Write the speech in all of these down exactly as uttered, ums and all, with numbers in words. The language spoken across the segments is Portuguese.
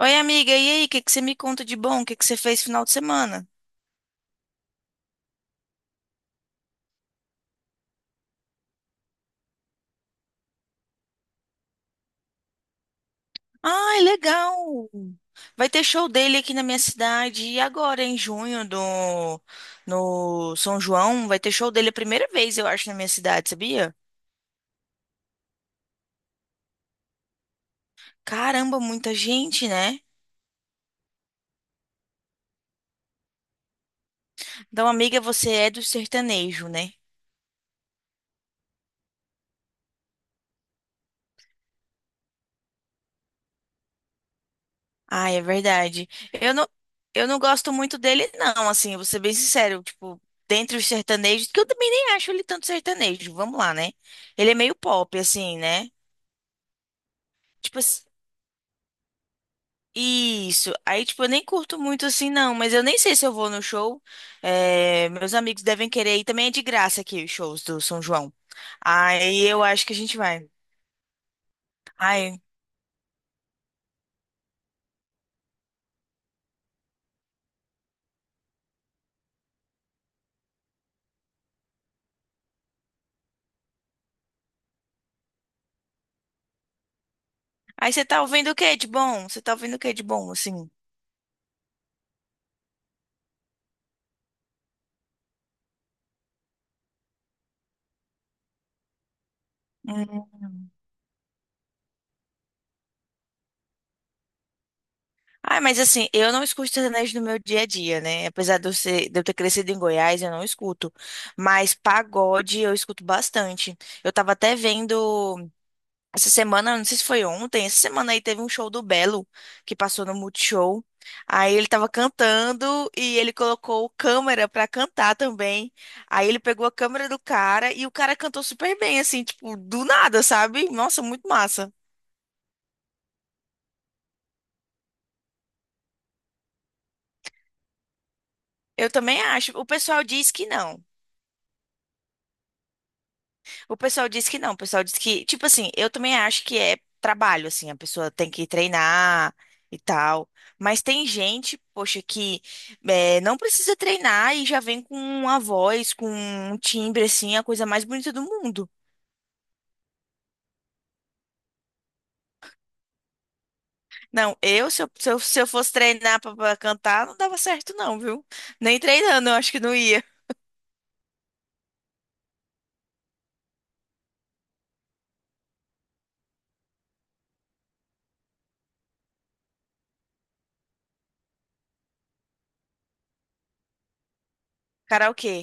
Oi, amiga, e aí? O que que você me conta de bom? O que que você fez final de semana? Ai, legal! Vai ter show dele aqui na minha cidade e agora em junho do no São João, vai ter show dele a primeira vez, eu acho, na minha cidade, sabia? Caramba, muita gente, né? Então, amiga, você é do sertanejo, né? Ah, é verdade. Eu não, eu não gosto muito dele, não, assim, eu vou ser bem sincero, tipo, dentre os sertanejos, que eu também nem acho ele tanto sertanejo, vamos lá, né? Ele é meio pop, assim, né? Tipo assim, isso. Aí, tipo, eu nem curto muito assim, não. Mas eu nem sei se eu vou no show. É, meus amigos devem querer ir. Também é de graça aqui os shows do São João. Aí eu acho que a gente vai. Ai. Aí você tá ouvindo o que de bom? Você tá ouvindo o que de bom, assim? Hum. Ai, mas assim, eu não escuto sertanejo no meu dia a dia, né? Apesar de eu, ser- de eu ter crescido em Goiás, eu não escuto. Mas pagode eu escuto bastante. Eu tava até vendo. Essa semana, não sei se foi ontem, essa semana aí teve um show do Belo que passou no Multishow. Aí ele tava cantando e ele colocou câmera pra cantar também. Aí ele pegou a câmera do cara e o cara cantou super bem, assim, tipo, do nada, sabe? Nossa, muito massa. Eu também acho. O pessoal diz que não. O pessoal diz que não, o pessoal diz que, tipo assim, eu também acho que é trabalho, assim, a pessoa tem que treinar e tal. Mas tem gente, poxa, que eh, não precisa treinar e já vem com uma voz, com um timbre, assim, a coisa mais bonita do mundo. Não, eu, se eu, se eu, se eu fosse treinar pra, pra cantar, não dava certo, não, viu? Nem treinando, eu acho que não ia. Karaokê.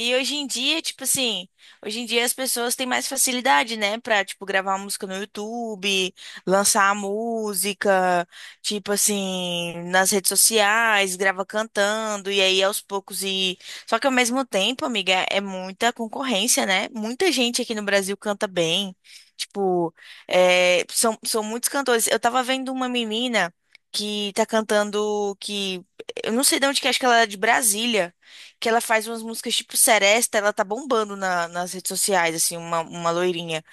E hoje em dia, tipo assim, hoje em dia as pessoas têm mais facilidade, né, pra, tipo, gravar música no YouTube, lançar a música, tipo assim, nas redes sociais, grava cantando, e aí aos poucos e... Só que ao mesmo tempo, amiga, é muita concorrência, né? Muita gente aqui no Brasil canta bem, tipo, é, são, são muitos cantores. Eu tava vendo uma menina que tá cantando, que... Eu não sei de onde que é, acho que ela é de Brasília, que ela faz umas músicas tipo Seresta, ela tá bombando na- nas redes sociais, assim, uma, uma loirinha.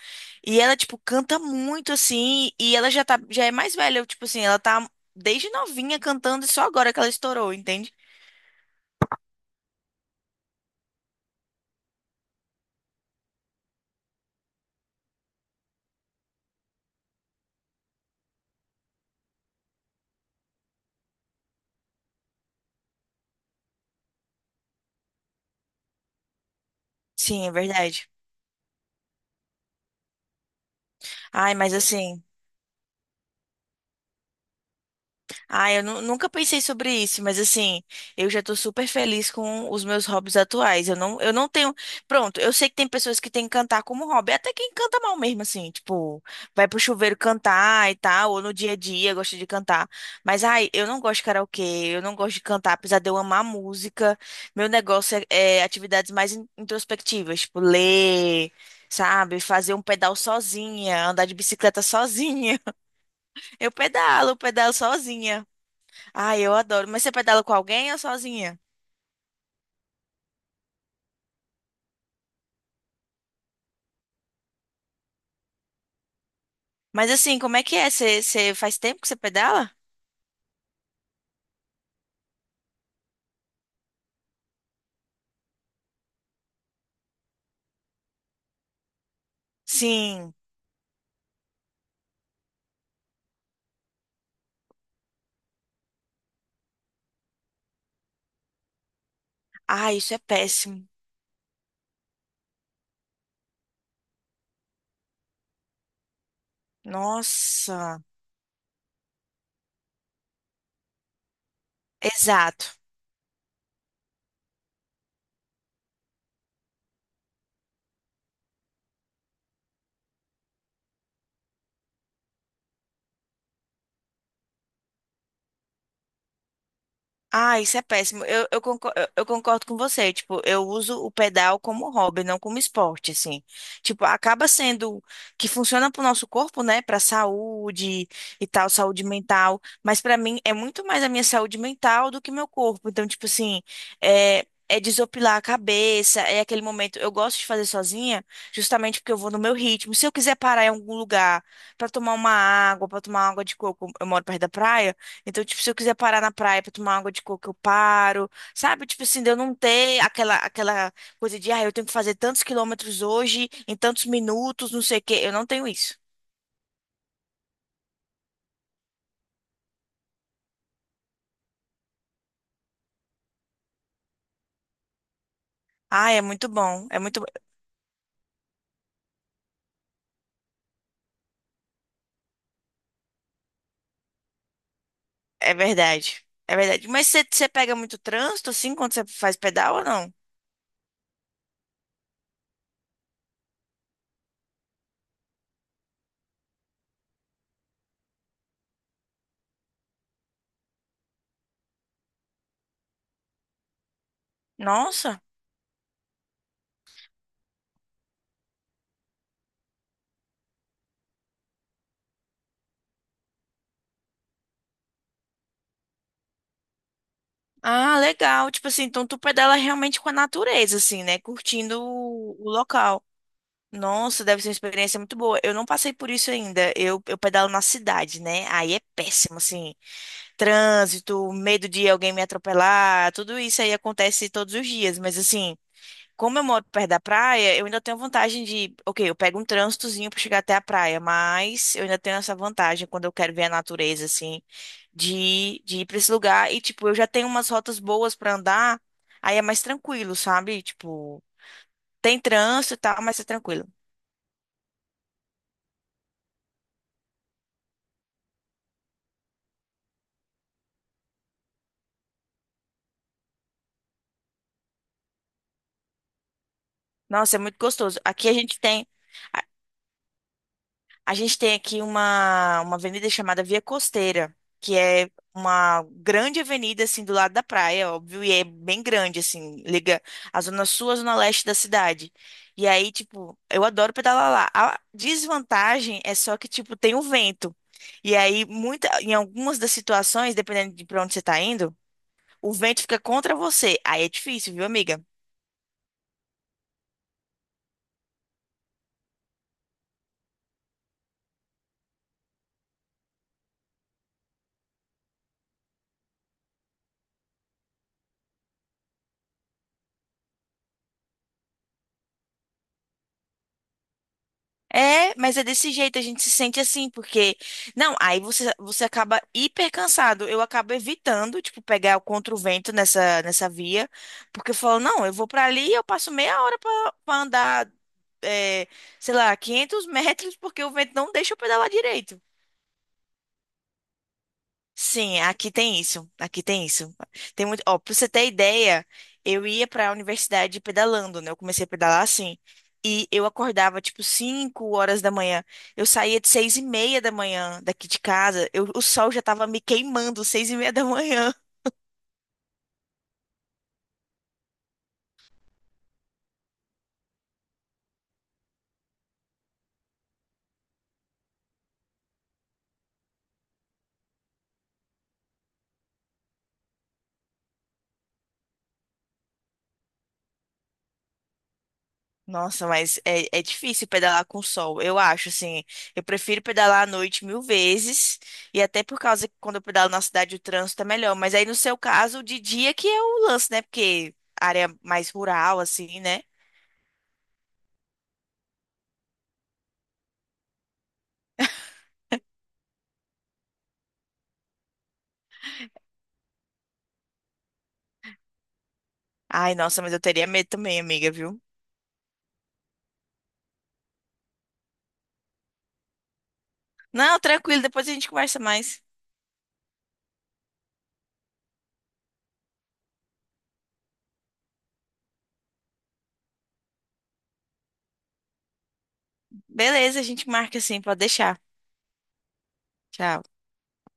E ela, tipo, canta muito, assim, e ela já tá, já é mais velha, tipo assim, ela tá desde novinha cantando e só agora que ela estourou, entende? Sim, é verdade. Ai, mas assim. Ah, eu nu- nunca pensei sobre isso, mas assim, eu já tô super feliz com os meus hobbies atuais. Eu não, eu não tenho. Pronto, eu sei que tem pessoas que têm que cantar como hobby, até quem canta mal mesmo, assim, tipo, vai pro chuveiro cantar e tal, ou no dia a dia gosta de cantar. Mas, ai, eu não gosto de karaokê, eu não gosto de cantar, apesar de eu amar música. Meu negócio é, é atividades mais in- introspectivas, tipo, ler, sabe? Fazer um pedal sozinha, andar de bicicleta sozinha. Eu pedalo, pedalo sozinha. Ah, eu adoro. Mas você pedala com alguém ou sozinha? Mas assim, como é que é? Você, você faz tempo que você pedala? Sim. Ah, isso é péssimo. Nossa. Exato. Ah, isso é péssimo. Eu, eu, concor- eu- eu concordo com você. Tipo, eu uso o pedal como hobby, não como esporte, assim. Tipo, acaba sendo que funciona pro nosso corpo, né? Pra saúde e tal, saúde mental. Mas pra mim é muito mais a minha saúde mental do que meu corpo. Então, tipo assim, é, é desopilar a cabeça, é aquele momento. Eu gosto de fazer sozinha, justamente porque eu vou no meu ritmo. Se eu quiser parar em algum lugar pra tomar uma água, pra tomar água de coco, eu moro perto da praia. Então, tipo, se eu quiser parar na praia pra tomar água de coco, eu paro. Sabe? Tipo assim, de eu não ter aquela, aquela coisa de, ah, eu tenho que fazer tantos quilômetros hoje, em tantos minutos, não sei o quê. Eu não tenho isso. Ah, é muito bom. É muito. É verdade. É verdade. Mas você você pega muito trânsito, assim, quando você faz pedal ou não? Nossa. Ah, legal. Tipo assim, então tu pedala realmente com a natureza, assim, né? Curtindo o o local. Nossa, deve ser uma experiência muito boa. Eu não passei por isso ainda. Eu, eu pedalo na cidade, né? Aí é péssimo, assim. Trânsito, medo de alguém me atropelar, tudo isso aí acontece todos os dias. Mas, assim, como eu moro perto da praia, eu ainda tenho a vantagem de. Ok, eu pego um trânsitozinho pra chegar até a praia, mas eu ainda tenho essa vantagem quando eu quero ver a natureza, assim, de, de ir pra esse lugar. E, tipo, eu já tenho umas rotas boas pra andar, aí é mais tranquilo, sabe? Tipo, tem trânsito e tal, mas é tranquilo. Nossa, é muito gostoso. Aqui a gente tem a, a gente tem aqui uma uma avenida chamada Via Costeira, que é uma grande avenida assim do lado da praia, óbvio, e é bem grande assim, liga a zona sul à zona leste da cidade. E aí, tipo, eu adoro pedalar lá. A desvantagem é só que tipo tem o vento. E aí muita em algumas das situações, dependendo de pra onde você tá indo, o vento fica contra você. Aí é difícil, viu, amiga? É, mas é desse jeito, a gente se sente assim, porque. Não, aí você, você acaba hiper cansado. Eu acabo evitando, tipo, pegar o contra o vento nessa, nessa via, porque eu falo, não, eu vou pra ali e eu passo meia hora pra pra andar, é, sei lá, quinhentos metros, porque o vento não deixa eu pedalar direito. Sim, aqui tem isso. Aqui tem isso. Tem muito. Ó, pra você ter ideia, eu ia pra universidade pedalando, né? Eu comecei a pedalar assim. E eu acordava tipo cinco horas da manhã. Eu saía de seis e meia da manhã daqui de casa. Eu, o sol já tava me queimando, seis e meia da manhã. Nossa, mas é, é difícil pedalar com sol, eu acho, assim. Eu prefiro pedalar à noite mil vezes, e até por causa que quando eu pedalo na cidade o trânsito é melhor. Mas aí, no seu caso, de dia que é o lance, né? Porque área mais rural, assim, né? Ai, nossa, mas eu teria medo também, amiga, viu? Não, tranquilo, depois a gente conversa mais. Beleza, a gente marca assim, pode deixar. Tchau.